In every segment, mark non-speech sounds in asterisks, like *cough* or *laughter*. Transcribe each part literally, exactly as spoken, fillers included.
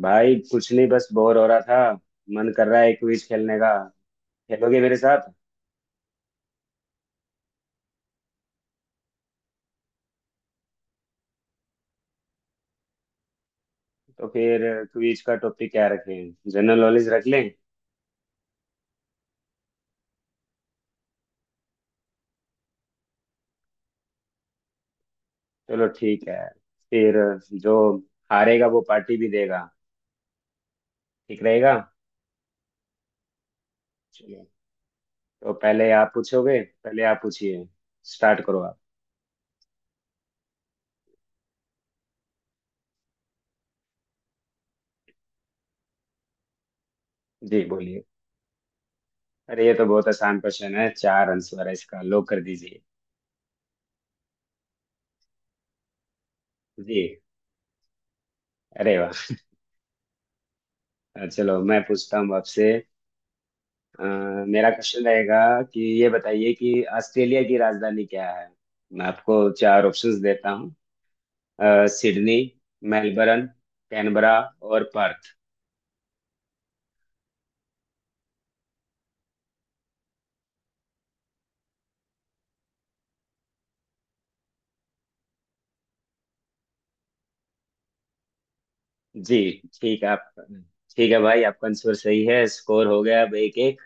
भाई कुछ नहीं बस बोर हो रहा था। मन कर रहा है क्विज खेलने का। खेलोगे मेरे साथ? तो फिर क्विज का टॉपिक क्या रखें? जनरल नॉलेज रख लें। चलो ठीक है। फिर जो हारेगा वो पार्टी भी देगा। ठीक रहेगा? चलो। तो पहले आप पूछोगे, पहले आप पूछिए। स्टार्ट करो आप। जी बोलिए। अरे ये तो बहुत आसान क्वेश्चन है। चार आंसर है इसका। लो कर दीजिए। जी। अरे वाह। चलो मैं पूछता हूँ आपसे। अ, मेरा क्वेश्चन रहेगा कि ये बताइए कि ऑस्ट्रेलिया की राजधानी क्या है। मैं आपको चार ऑप्शंस देता हूँ। अ, सिडनी, मेलबर्न, कैनबरा और पर्थ। जी ठीक है आप। ठीक है भाई, आपका आंसर सही है। स्कोर हो गया। अब एक एक।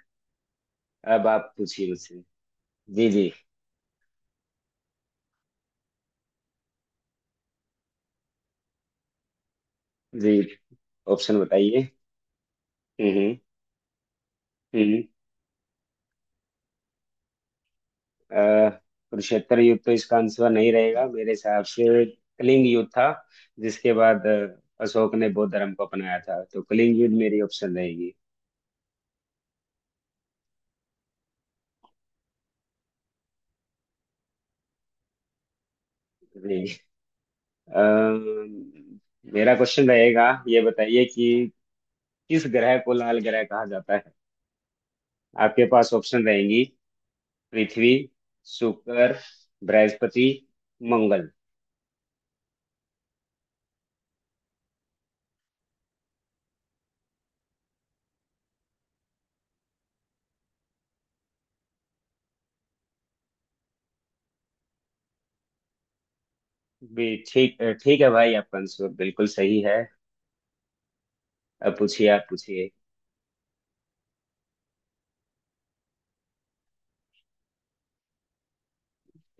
अब आप पूछिए मुझसे। जी जी। जी, ऑप्शन बताइए। हम्म हम्म हम्म। अह, कुरुक्षेत्र युद्ध तो इसका आंसर नहीं रहेगा। मेरे हिसाब से कलिंग युद्ध था, जिसके बाद अह, अशोक ने बौद्ध धर्म को अपनाया था। तो कलिंग युद्ध मेरी ऑप्शन रहेगी। नहीं। अह, मेरा क्वेश्चन रहेगा। ये बताइए कि किस ग्रह को लाल ग्रह कहा जाता है। आपके पास ऑप्शन रहेंगी। पृथ्वी, शुक्र, बृहस्पति, मंगल। भी ठीक। ठीक है भाई, आपका आंसर बिल्कुल सही है। अब पूछिए, आप पूछिए।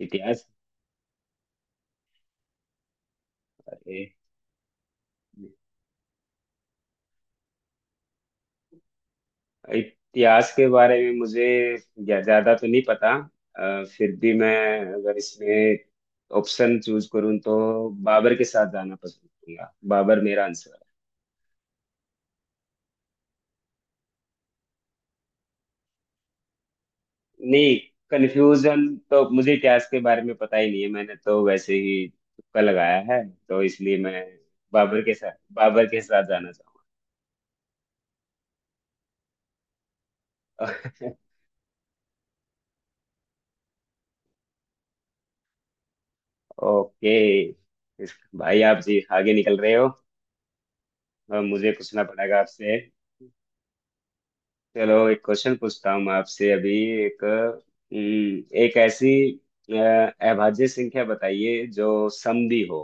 इतिहास। बताइए। इतिहास के बारे में मुझे ज्या- ज्यादा तो नहीं पता। अ, फिर भी मैं अगर इसमें ऑप्शन चूज करूँ तो बाबर के साथ जाना पसंद करूंगा। बाबर मेरा आंसर है। नहीं, कंफ्यूजन तो मुझे इतिहास के बारे में पता ही नहीं है। मैंने तो वैसे ही तुक्का लगाया है। तो इसलिए मैं बाबर के साथ बाबर के साथ जाना चाहूंगा। *laughs* ओके। इस- भाई, आप जी आगे निकल रहे हो। अब मुझे पूछना पड़ेगा आपसे। चलो एक क्वेश्चन पूछता हूँ मैं आपसे अभी। एक हम्म, एक ऐसी अ, अभाज्य संख्या बताइए जो समदी हो।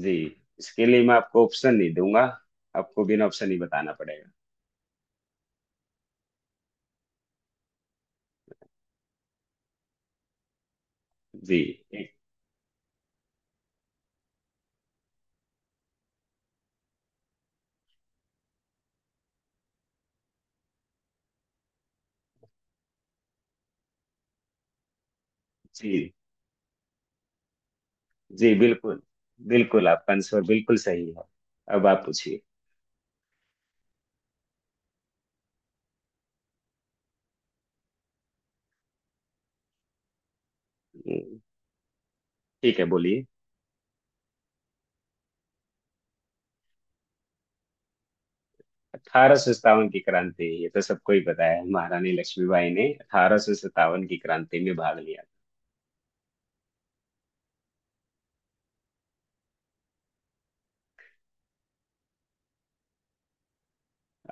जी। इसके लिए मैं आपको ऑप्शन नहीं दूंगा। आपको बिना ऑप्शन ही बताना पड़ेगा। जी। एक। जी जी, बिल्कुल। बिल्कुल आपका आंसर बिल्कुल सही है। अब आप पूछिए। हम्म, ठीक है बोलिए। अठारह सौ सत्तावन की क्रांति, ये तो सबको ही पता है। महारानी लक्ष्मीबाई ने अठारह सौ सत्तावन की क्रांति में भाग लिया।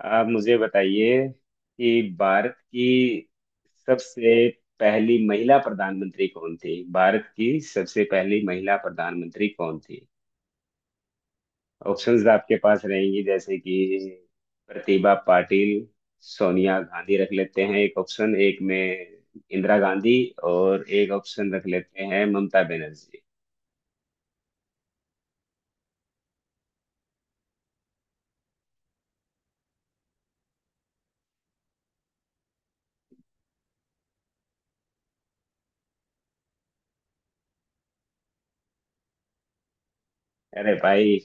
आप मुझे बताइए कि भारत की सबसे पहली महिला प्रधानमंत्री कौन थी। भारत की सबसे पहली महिला प्रधानमंत्री कौन थी? ऑप्शंस आपके पास रहेंगी, जैसे कि प्रतिभा पाटिल, सोनिया गांधी रख लेते हैं एक ऑप्शन एक में, इंदिरा गांधी, और एक ऑप्शन रख लेते हैं ममता बनर्जी। अरे भाई।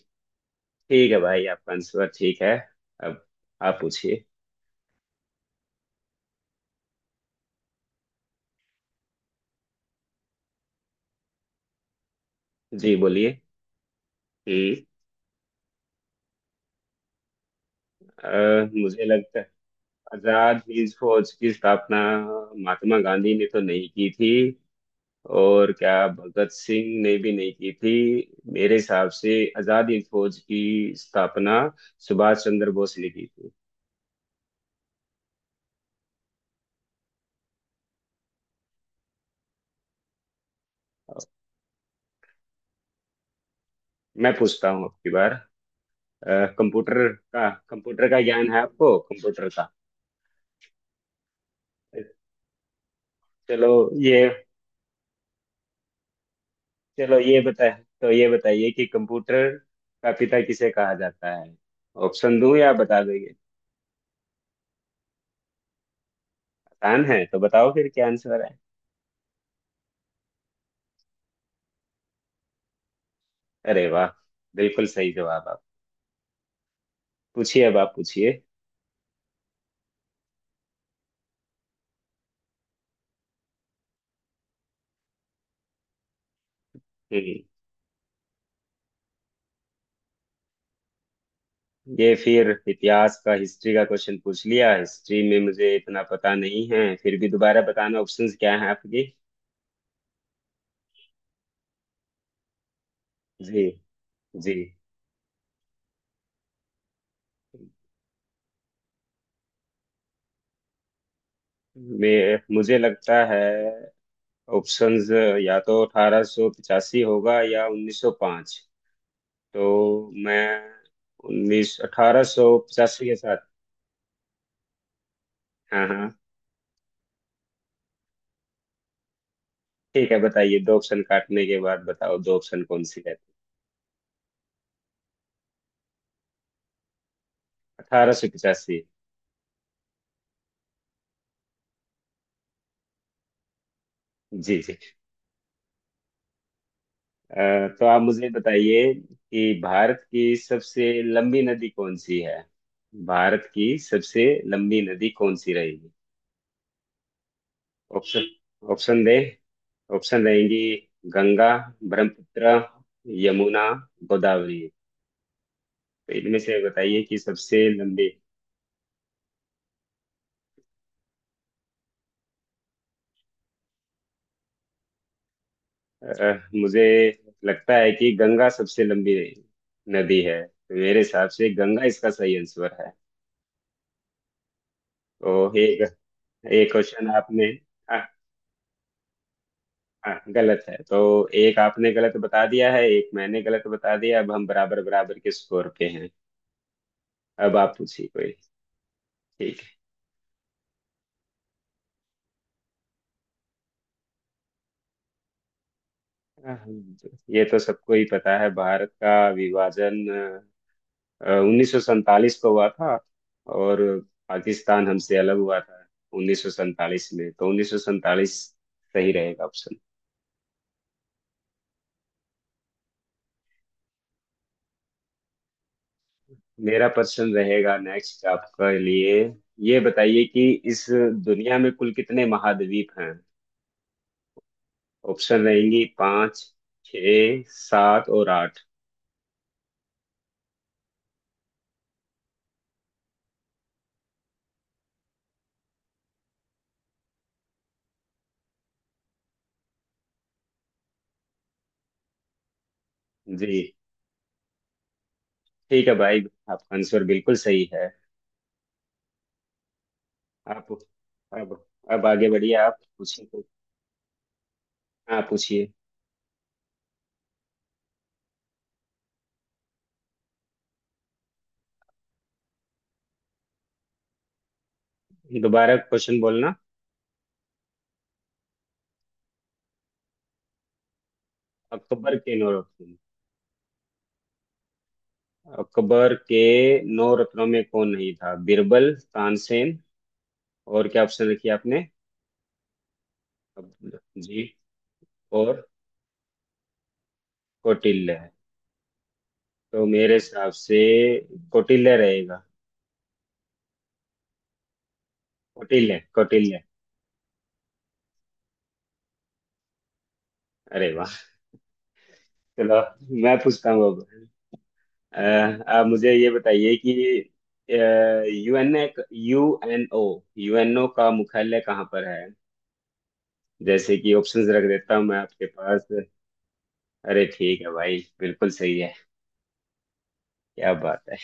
ठीक है भाई, आपका आंसर ठीक है। अब आप पूछिए। जी बोलिए। हम्म, अ, मुझे लगता, आजाद हिंद फौज की स्थापना महात्मा गांधी ने तो नहीं की थी। और क्या भगत सिंह ने भी नहीं की थी। मेरे हिसाब से आजाद हिंद फौज की स्थापना सुभाष चंद्र बोस ने की थी। मैं पूछता हूँ आपकी बार। अ, कंप्यूटर का कंप्यूटर का ज्ञान है आपको? कंप्यूटर का। चलो ये चलो ये बता तो ये बताइए कि कंप्यूटर का पिता किसे कहा जाता है। ऑप्शन दूं या बता दोगे? आसान है तो बताओ फिर, क्या आंसर है? अरे वाह, बिल्कुल सही जवाब। आप पूछिए, अब आप पूछिए। हम्म। ये फिर इतिहास का, हिस्ट्री का क्वेश्चन पूछ लिया। हिस्ट्री में मुझे इतना पता नहीं है। फिर भी दोबारा बताना, ऑप्शंस क्या हैं आपके? जी जी। मैं मुझे लगता है ऑप्शंस या तो अठारह सौ पचासी होगा या उन्नीस सौ पाँच। तो मैं उन्नीस अठारह सौ पचासी के साथ। हाँ हाँ। ठीक है, बताइए। दो ऑप्शन काटने के बाद बताओ, दो ऑप्शन कौन सी है? अठारह सौ पचासी। जी जी। अ, तो आप मुझे बताइए कि भारत की सबसे लंबी नदी कौन सी है। भारत की सबसे लंबी नदी कौन सी रहेगी? ऑप्शन ऑप्शन दे ऑप्शन रहेंगी। गंगा, ब्रह्मपुत्र, यमुना, गोदावरी। तो इनमें से बताइए कि सबसे लंबी। अ, मुझे लगता है कि गंगा सबसे लंबी नदी है। तो मेरे हिसाब से गंगा इसका सही आंसर है। तो एक, एक क्वेश्चन आपने, हाँ, हाँ गलत है। तो एक आपने गलत बता दिया है, एक मैंने गलत बता दिया। अब हम बराबर बराबर के स्कोर पे हैं। अब आप पूछिए कोई। ठीक है। हाँ, ये तो सबको ही पता है। भारत का विभाजन उन्नीस सौ सैंतालीस को हुआ था और पाकिस्तान हमसे अलग हुआ था उन्नीस सौ सैंतालीस में। तो उन्नीस सौ सैंतालीस सही रहेगा ऑप्शन। मेरा प्रश्न रहेगा नेक्स्ट आपके लिए। ये बताइए कि इस दुनिया में कुल कितने महाद्वीप हैं। ऑप्शन रहेंगी पाँच, छ, सात और आठ। जी। ठीक है भाई, आपका आंसर बिल्कुल सही है। आप अब अब आगे बढ़िए। आप पूछिए तो। हाँ पूछिए। दोबारा क्वेश्चन बोलना। अकबर के नौ रत्न अकबर के नौ रत्नों में कौन नहीं था? बीरबल, तानसेन, और क्या ऑप्शन रखी आपने? अब्दुल। जी, और कौटिल्य। तो मेरे हिसाब से कौटिल्य रहेगा। कौटिल्य, कौटिल्य। अरे वाह। चलो मैं पूछता हूँ अब। अ, आप मुझे ये बताइए कि यूएन यूएनओ यूएनओ का मुख्यालय कहाँ पर है? जैसे कि ऑप्शंस रख देता हूँ मैं आपके पास। अरे ठीक है भाई, बिल्कुल सही है। क्या बात है।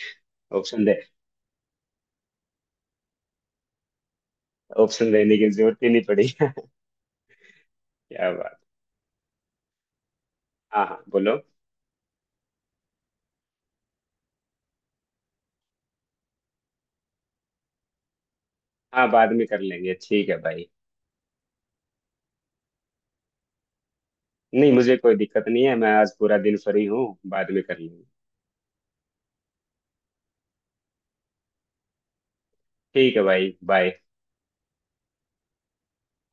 ऑप्शन दे ऑप्शन देने की जरूरत ही नहीं पड़ी। *laughs* क्या बात। हाँ हाँ बोलो। हाँ, बाद में कर लेंगे, ठीक है भाई। नहीं, मुझे कोई दिक्कत नहीं है। मैं आज पूरा दिन फ्री हूँ। बाद में कर लेंगे। ठीक है भाई, बाय।